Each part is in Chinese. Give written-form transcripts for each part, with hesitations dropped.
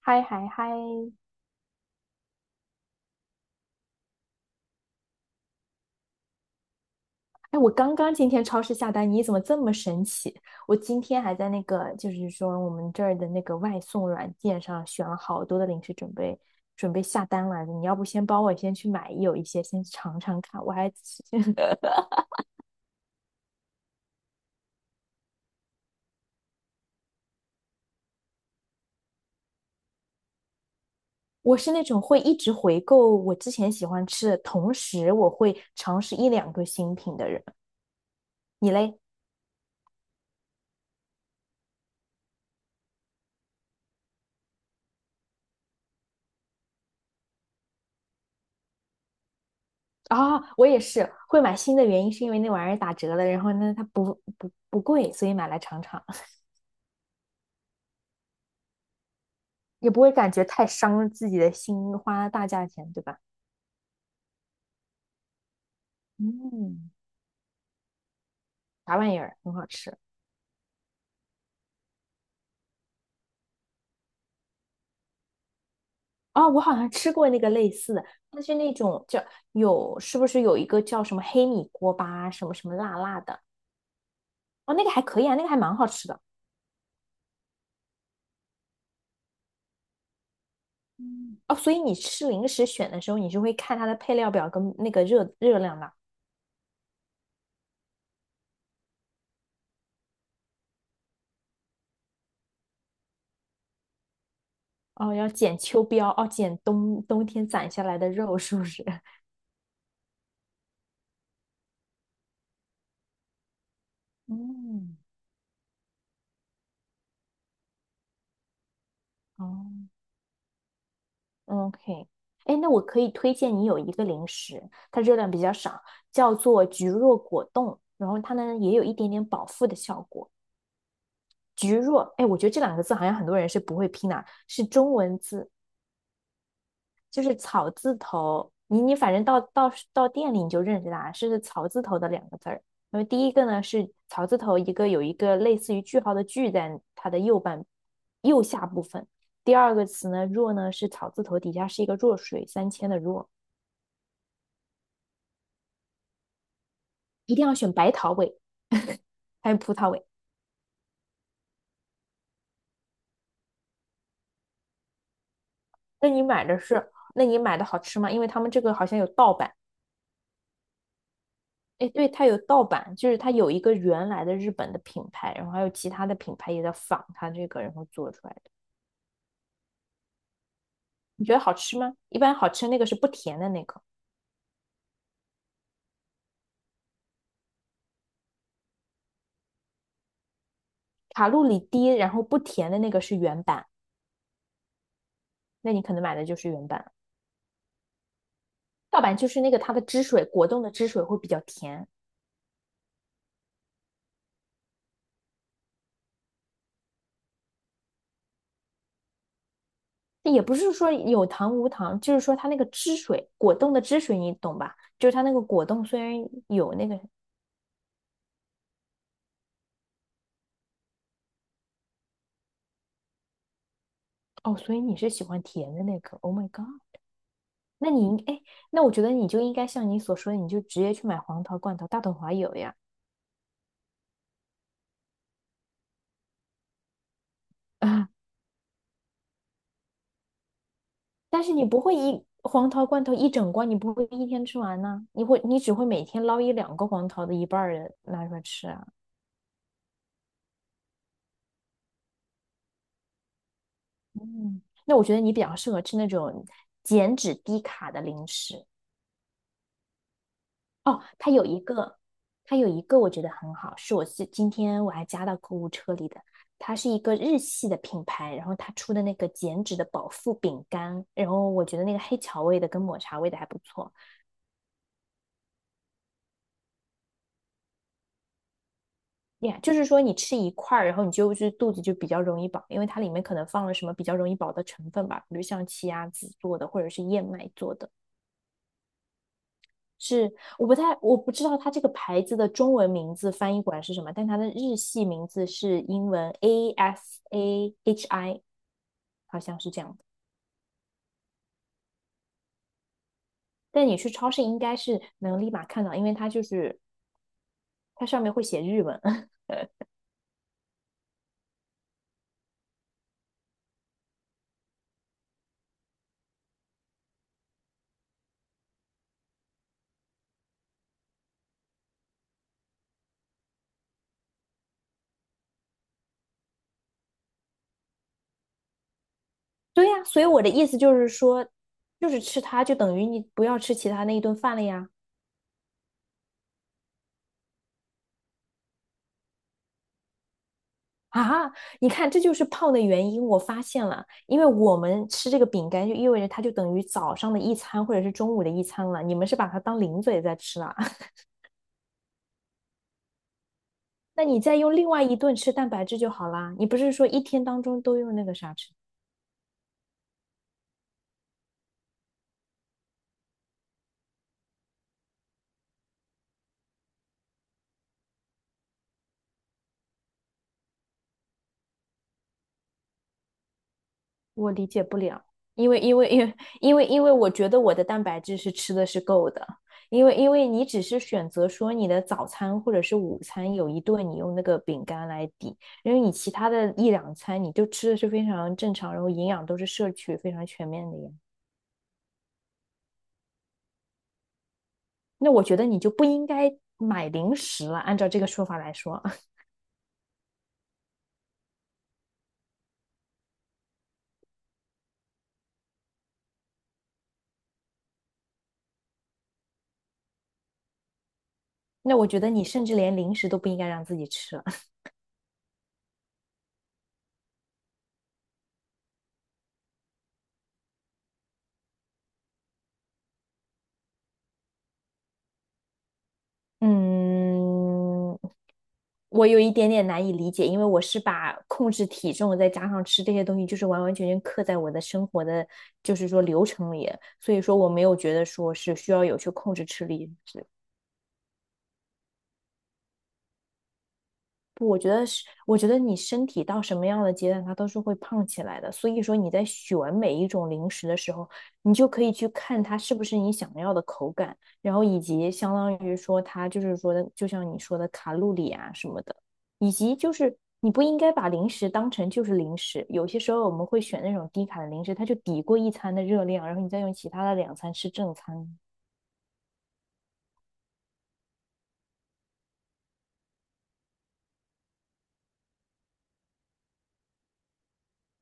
嗨嗨嗨！哎，我刚刚今天超市下单，你怎么这么神奇？我今天还在那个，就是说我们这儿的那个外送软件上选了好多的零食，准备下单来着。你要不先帮我先去买有一些，先尝尝看。我还 我是那种会一直回购我之前喜欢吃的，同时我会尝试一两个新品的人。你嘞？啊、我也是会买新的原因是因为那玩意儿打折了，然后呢它不贵，所以买来尝尝。也不会感觉太伤自己的心，花大价钱，对吧？嗯，啥玩意儿，很好吃。哦，我好像吃过那个类似的，它是那种叫有，是不是有一个叫什么黑米锅巴，什么什么辣辣的？哦，那个还可以啊，那个还蛮好吃的。嗯，哦，所以你吃零食选的时候，你是会看它的配料表跟那个热量的。哦，要减秋膘，哦，减冬天攒下来的肉，是不是？嗯，哦，OK,哎，那我可以推荐你有一个零食，它热量比较少，叫做菊若果冻，然后它呢也有一点点饱腹的效果。菊若，哎，我觉得这两个字好像很多人是不会拼的，是中文字，就是草字头。你反正到店里你就认识它，是草字头的两个字儿。那么第一个呢是草字头一个有一个类似于句号的句在它的右下部分，第二个词呢若呢是草字头底下是一个弱水三千的弱。一定要选白桃味 还有葡萄味。那你买的是，那你买的好吃吗？因为他们这个好像有盗版。哎，对，它有盗版，就是它有一个原来的日本的品牌，然后还有其他的品牌也在仿它这个，然后做出来的。你觉得好吃吗？一般好吃那个是不甜的那个，卡路里低，然后不甜的那个是原版，那你可能买的就是原版。盗版就是那个它的汁水，果冻的汁水会比较甜，也不是说有糖无糖，就是说它那个汁水，果冻的汁水，你懂吧？就是它那个果冻虽然有那个，哦，所以你是喜欢甜的那个？Oh my god!那你应哎，那我觉得你就应该像你所说的，你就直接去买黄桃罐头，大统华有呀。啊，但是你不会一黄桃罐头一整罐，你不会一天吃完呢、你会你只会每天捞一两个黄桃的一半儿的拿出来吃啊。嗯，那我觉得你比较适合吃那种减脂低卡的零食。哦，它有一个，它有一个我觉得很好，是我是今天我还加到购物车里的。它是一个日系的品牌，然后它出的那个减脂的饱腹饼干，然后我觉得那个黑巧味的跟抹茶味的还不错。呀，就是说你吃一块儿，然后你就是肚子就比较容易饱，因为它里面可能放了什么比较容易饱的成分吧，比如像奇亚籽做的或者是燕麦做的。是，我不太，我不知道它这个牌子的中文名字翻译过来是什么，但它的日系名字是英文 ASAHI,好像是这样的但你去超市应该是能立马看到，因为它就是它上面会写日文。对呀，所以我的意思就是说，就是吃它就等于你不要吃其他那一顿饭了呀。啊，你看，这就是胖的原因。我发现了，因为我们吃这个饼干，就意味着它就等于早上的一餐或者是中午的一餐了。你们是把它当零嘴在吃了，那你再用另外一顿吃蛋白质就好啦。你不是说一天当中都用那个啥吃？我理解不了，因为因为因为因为我觉得我的蛋白质是吃的是够的，因为因为你只是选择说你的早餐或者是午餐有一顿你用那个饼干来抵，因为你其他的一两餐你就吃的是非常正常，然后营养都是摄取非常全面的呀。那我觉得你就不应该买零食了，按照这个说法来说，那我觉得你甚至连零食都不应该让自己吃了。嗯，我有一点点难以理解，因为我是把控制体重再加上吃这些东西，就是完完全全刻在我的生活的，就是说流程里，所以说我没有觉得说是需要有去控制吃力，不，我觉得是，我觉得你身体到什么样的阶段，它都是会胖起来的。所以说你在选每一种零食的时候，你就可以去看它是不是你想要的口感，然后以及相当于说它就是说的，就像你说的卡路里啊什么的，以及就是你不应该把零食当成就是零食。有些时候我们会选那种低卡的零食，它就抵过一餐的热量，然后你再用其他的两餐吃正餐。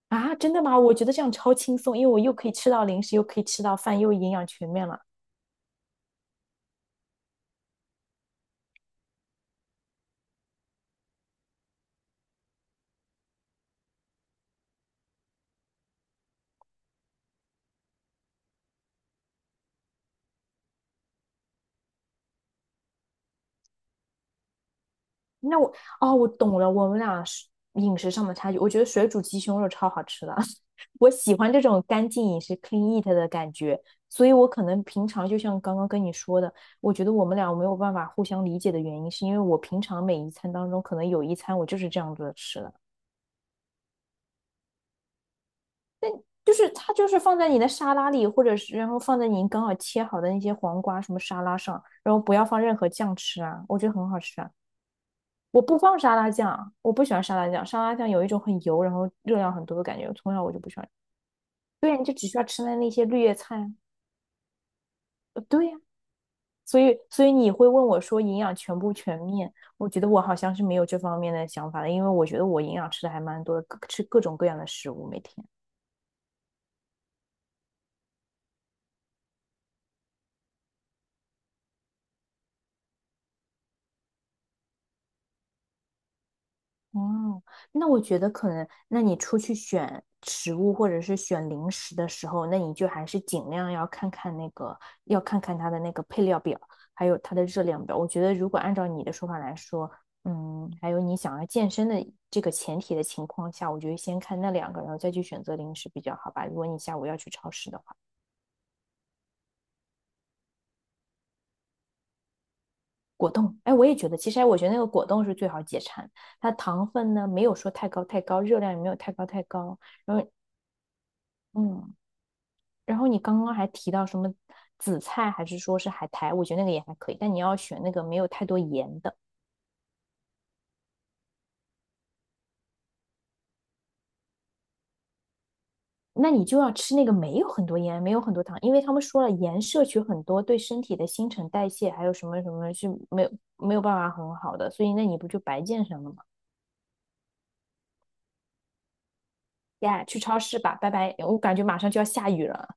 啊，真的吗？我觉得这样超轻松，因为我又可以吃到零食，又可以吃到饭，又营养全面了。那我哦，我懂了，我们俩是饮食上的差距。我觉得水煮鸡胸肉超好吃的，我喜欢这种干净饮食 （(clean eat) 的感觉，所以我可能平常就像刚刚跟你说的，我觉得我们俩没有办法互相理解的原因，是因为我平常每一餐当中，可能有一餐我就是这样子吃的，就是它就是放在你的沙拉里，或者是然后放在您刚好切好的那些黄瓜什么沙拉上，然后不要放任何酱吃啊，我觉得很好吃啊。我不放沙拉酱，我不喜欢沙拉酱。沙拉酱有一种很油，然后热量很多的感觉，从小我就不喜欢。对呀，你就只需要吃那些绿叶菜啊。呃对呀，所以你会问我说营养全不全面？我觉得我好像是没有这方面的想法的，因为我觉得我营养吃的还蛮多的，各吃各种各样的食物，每天。哦，那我觉得可能，那你出去选食物或者是选零食的时候，那你就还是尽量要看看那个，要看看它的那个配料表，还有它的热量表。我觉得如果按照你的说法来说，嗯，还有你想要健身的这个前提的情况下，我觉得先看那两个，然后再去选择零食比较好吧。如果你下午要去超市的话，果冻，哎，我也觉得，其实哎我觉得那个果冻是最好解馋，它糖分呢没有说太高太高，热量也没有太高太高，然后嗯。然后你刚刚还提到什么紫菜，还是说是海苔？我觉得那个也还可以，但你要选那个没有太多盐的，那你就要吃那个没有很多盐、没有很多糖，因为他们说了，盐摄取很多对身体的新陈代谢还有什么什么是没有办法很好的，所以那你不就白健身了吗？呀，去超市吧，拜拜！我感觉马上就要下雨了。